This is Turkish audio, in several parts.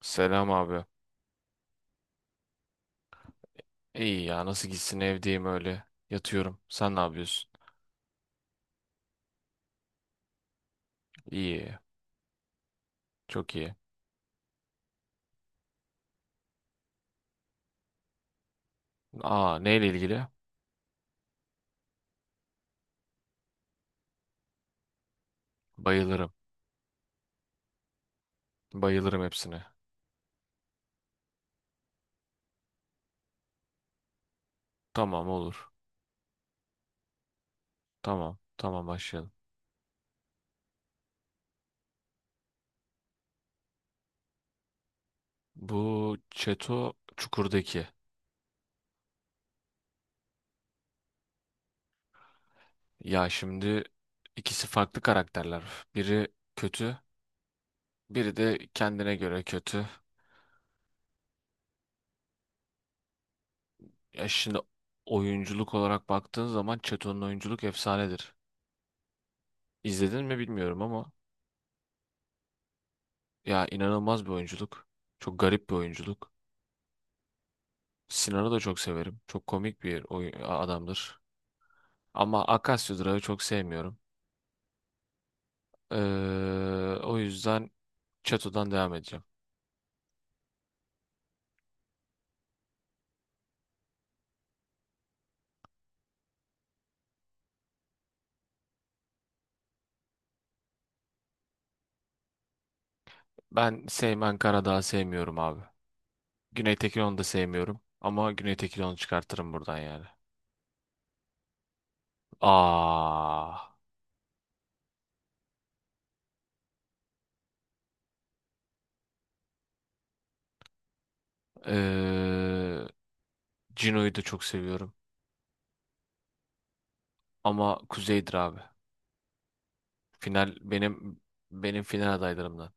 Selam abi. İyi ya nasıl gitsin evdeyim öyle. Yatıyorum. Sen ne yapıyorsun? İyi. Çok iyi. Aa, neyle ilgili? Bayılırım. Bayılırım hepsine. Tamam, olur. Tamam. Tamam, başlayalım. Bu Çeto Çukur'daki. Ya şimdi ikisi farklı karakterler. Biri kötü. Biri de kendine göre kötü. Ya şimdi oyunculuk olarak baktığın zaman Çeto'nun oyunculuk efsanedir. İzledin mi bilmiyorum ama. Ya inanılmaz bir oyunculuk. Çok garip bir oyunculuk. Sinan'ı da çok severim. Çok komik bir adamdır. Ama Akasya Durağı çok sevmiyorum. Ee, o yüzden Çato'dan devam edeceğim. Ben Seymen Karadağ'ı sevmiyorum abi. Güney Tekinon'u da sevmiyorum. Ama Güney Tekinon'u çıkartırım buradan yani. Aa, ee, Cino'yu da çok seviyorum. Ama Kuzey'dir abi. Final benim final adaylarımdan.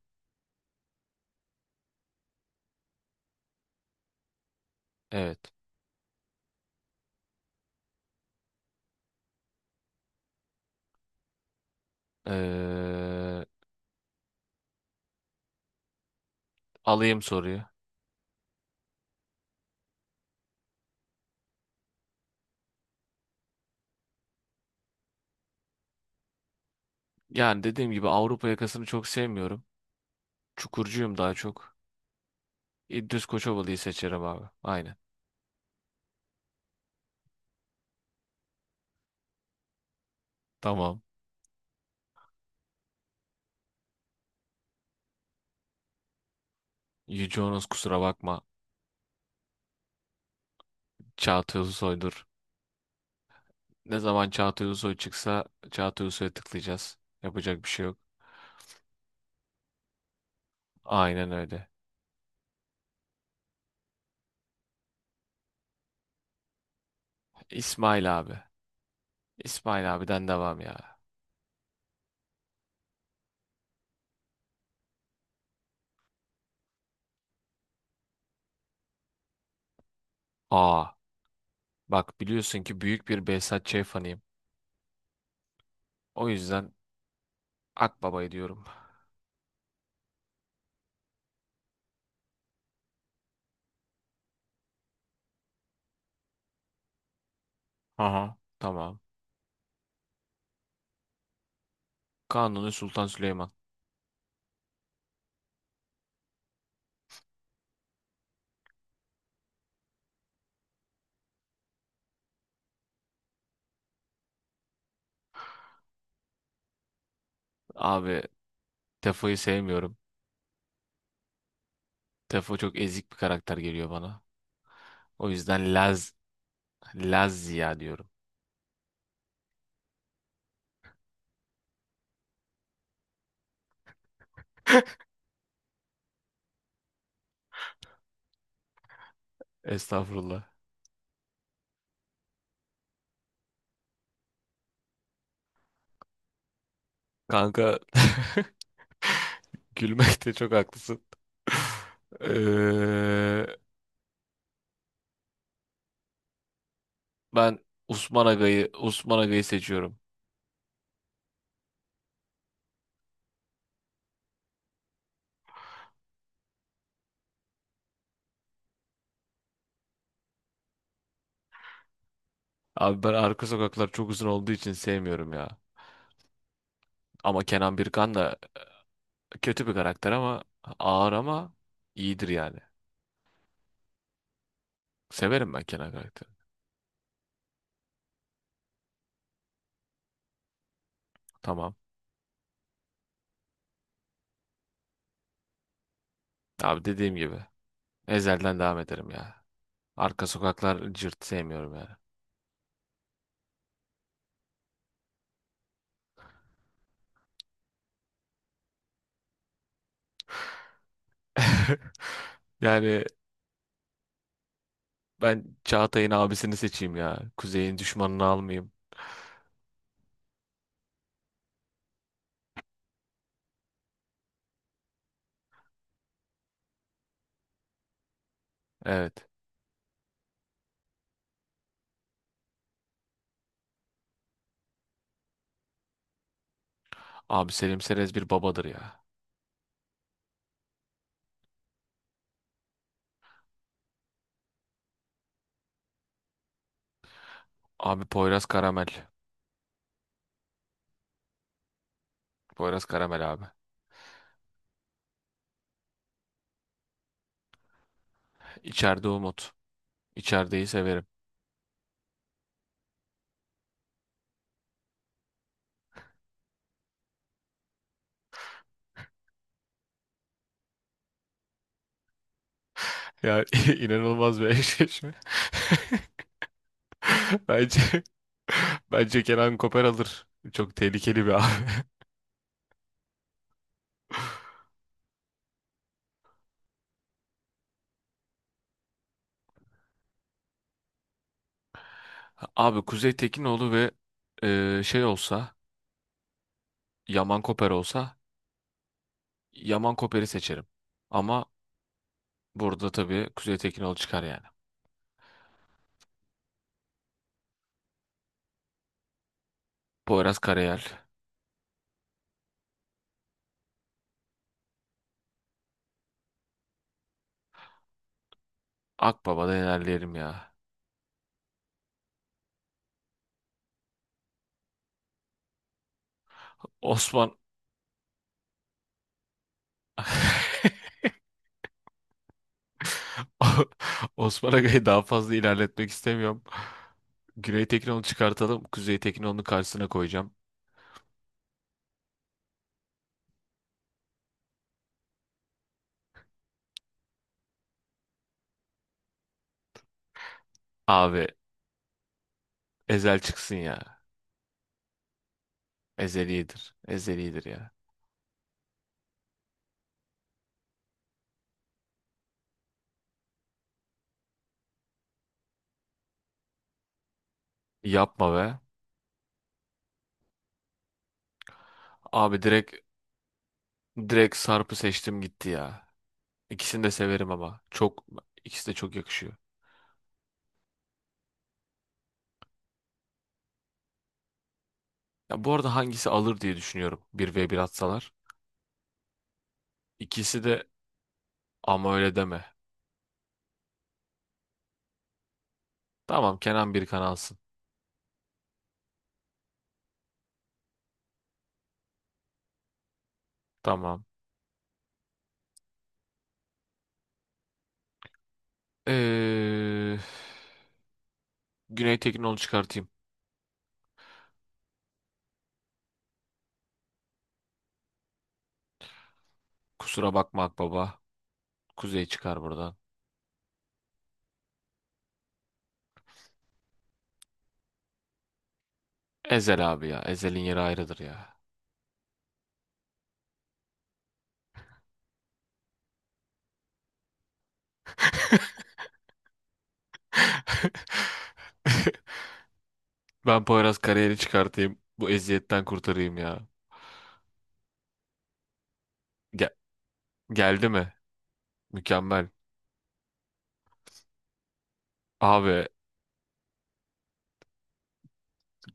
Evet. Ee, Alayım soruyu. Yani dediğim gibi Avrupa yakasını çok sevmiyorum. Çukurcuyum daha çok. İdris Koçovalı'yı seçerim abi. Aynen. Tamam. Yüce Honos, kusura bakma. Çağatay Ulusoy'dur. Ne zaman Çağatay Ulusoy çıksa Çağatay Ulusoy'a tıklayacağız. Yapacak bir şey yok. Aynen öyle. İsmail abi. İsmail abiden devam ya. Aa, bak biliyorsun ki büyük bir Behzat Ç. fanıyım. O yüzden Akbaba'yı diyorum. Aha. Tamam. Kanuni Sultan Süleyman. Abi Tefa'yı sevmiyorum. Tefo çok ezik bir karakter geliyor bana. O yüzden Laz diyorum. Estağfurullah. Kanka, gülmekte çok haklısın. Eee, Ben Osman Aga'yı seçiyorum. Abi ben arka sokaklar çok uzun olduğu için sevmiyorum ya. Ama Kenan Birkan da kötü bir karakter, ama ağır ama iyidir yani. Severim ben Kenan karakteri. Tamam. Abi dediğim gibi. Ezel'den devam ederim ya. Arka sokaklar cırt sevmiyorum yani. Yani ben Çağatay'ın abisini seçeyim ya. Kuzey'in düşmanını almayayım. Evet. Abi Selim Serez bir babadır ya. Abi Poyraz Karamel. Poyraz Karamel abi. İçeride Umut. İçerideyi severim. Ya inanılmaz bir eşleşme. Bence bence Kenan Koper alır. Çok tehlikeli bir abi. Abi Kuzey Tekinoğlu ve şey olsa, Yaman Koper olsa, Yaman Koper'i seçerim. Ama burada tabii Kuzey Tekinoğlu çıkar yani. Poyraz Karayel. Akbaba'da ilerleyelim ya. Osman Osman Aga'yı daha fazla ilerletmek istemiyorum. Güney Tekinoğlu çıkartalım. Kuzey Tekinoğlu'nun karşısına koyacağım. Abi Ezel çıksın ya. Ezel iyidir. Ezel iyidir ya. Yapma be. Abi direkt Sarp'ı seçtim gitti ya. İkisini de severim ama. Çok, ikisi de çok yakışıyor. Ya bu arada hangisi alır diye düşünüyorum, bir ve bir atsalar. İkisi de, ama öyle deme. Tamam, Kenan Birkan alsın. Tamam. Ee, Güney Tekin'i, onu çıkartayım. Kusura bakma Akbaba. Kuzey çıkar buradan. Ezel abi ya. Ezel'in yeri ayrıdır ya. Ben Poyraz kariyeri çıkartayım. Bu eziyetten kurtarayım ya. Ge- Geldi mi? Mükemmel. Abi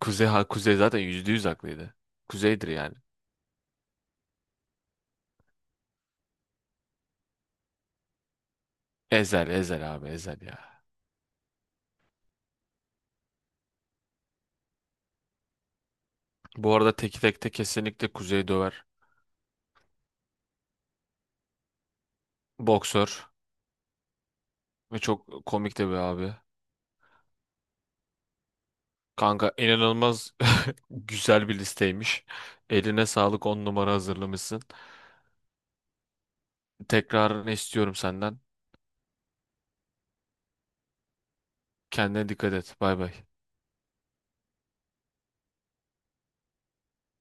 Kuzey, ha, Kuzey zaten %100 haklıydı. Kuzey'dir yani. Ezel abi, Ezel ya. Bu arada teki tekte kesinlikle Kuzey döver. Boksör. Ve çok komik de bir abi. Kanka inanılmaz güzel bir listeymiş. Eline sağlık, 10 numara hazırlamışsın. Tekrarını istiyorum senden. Kendine dikkat et. Bay bay.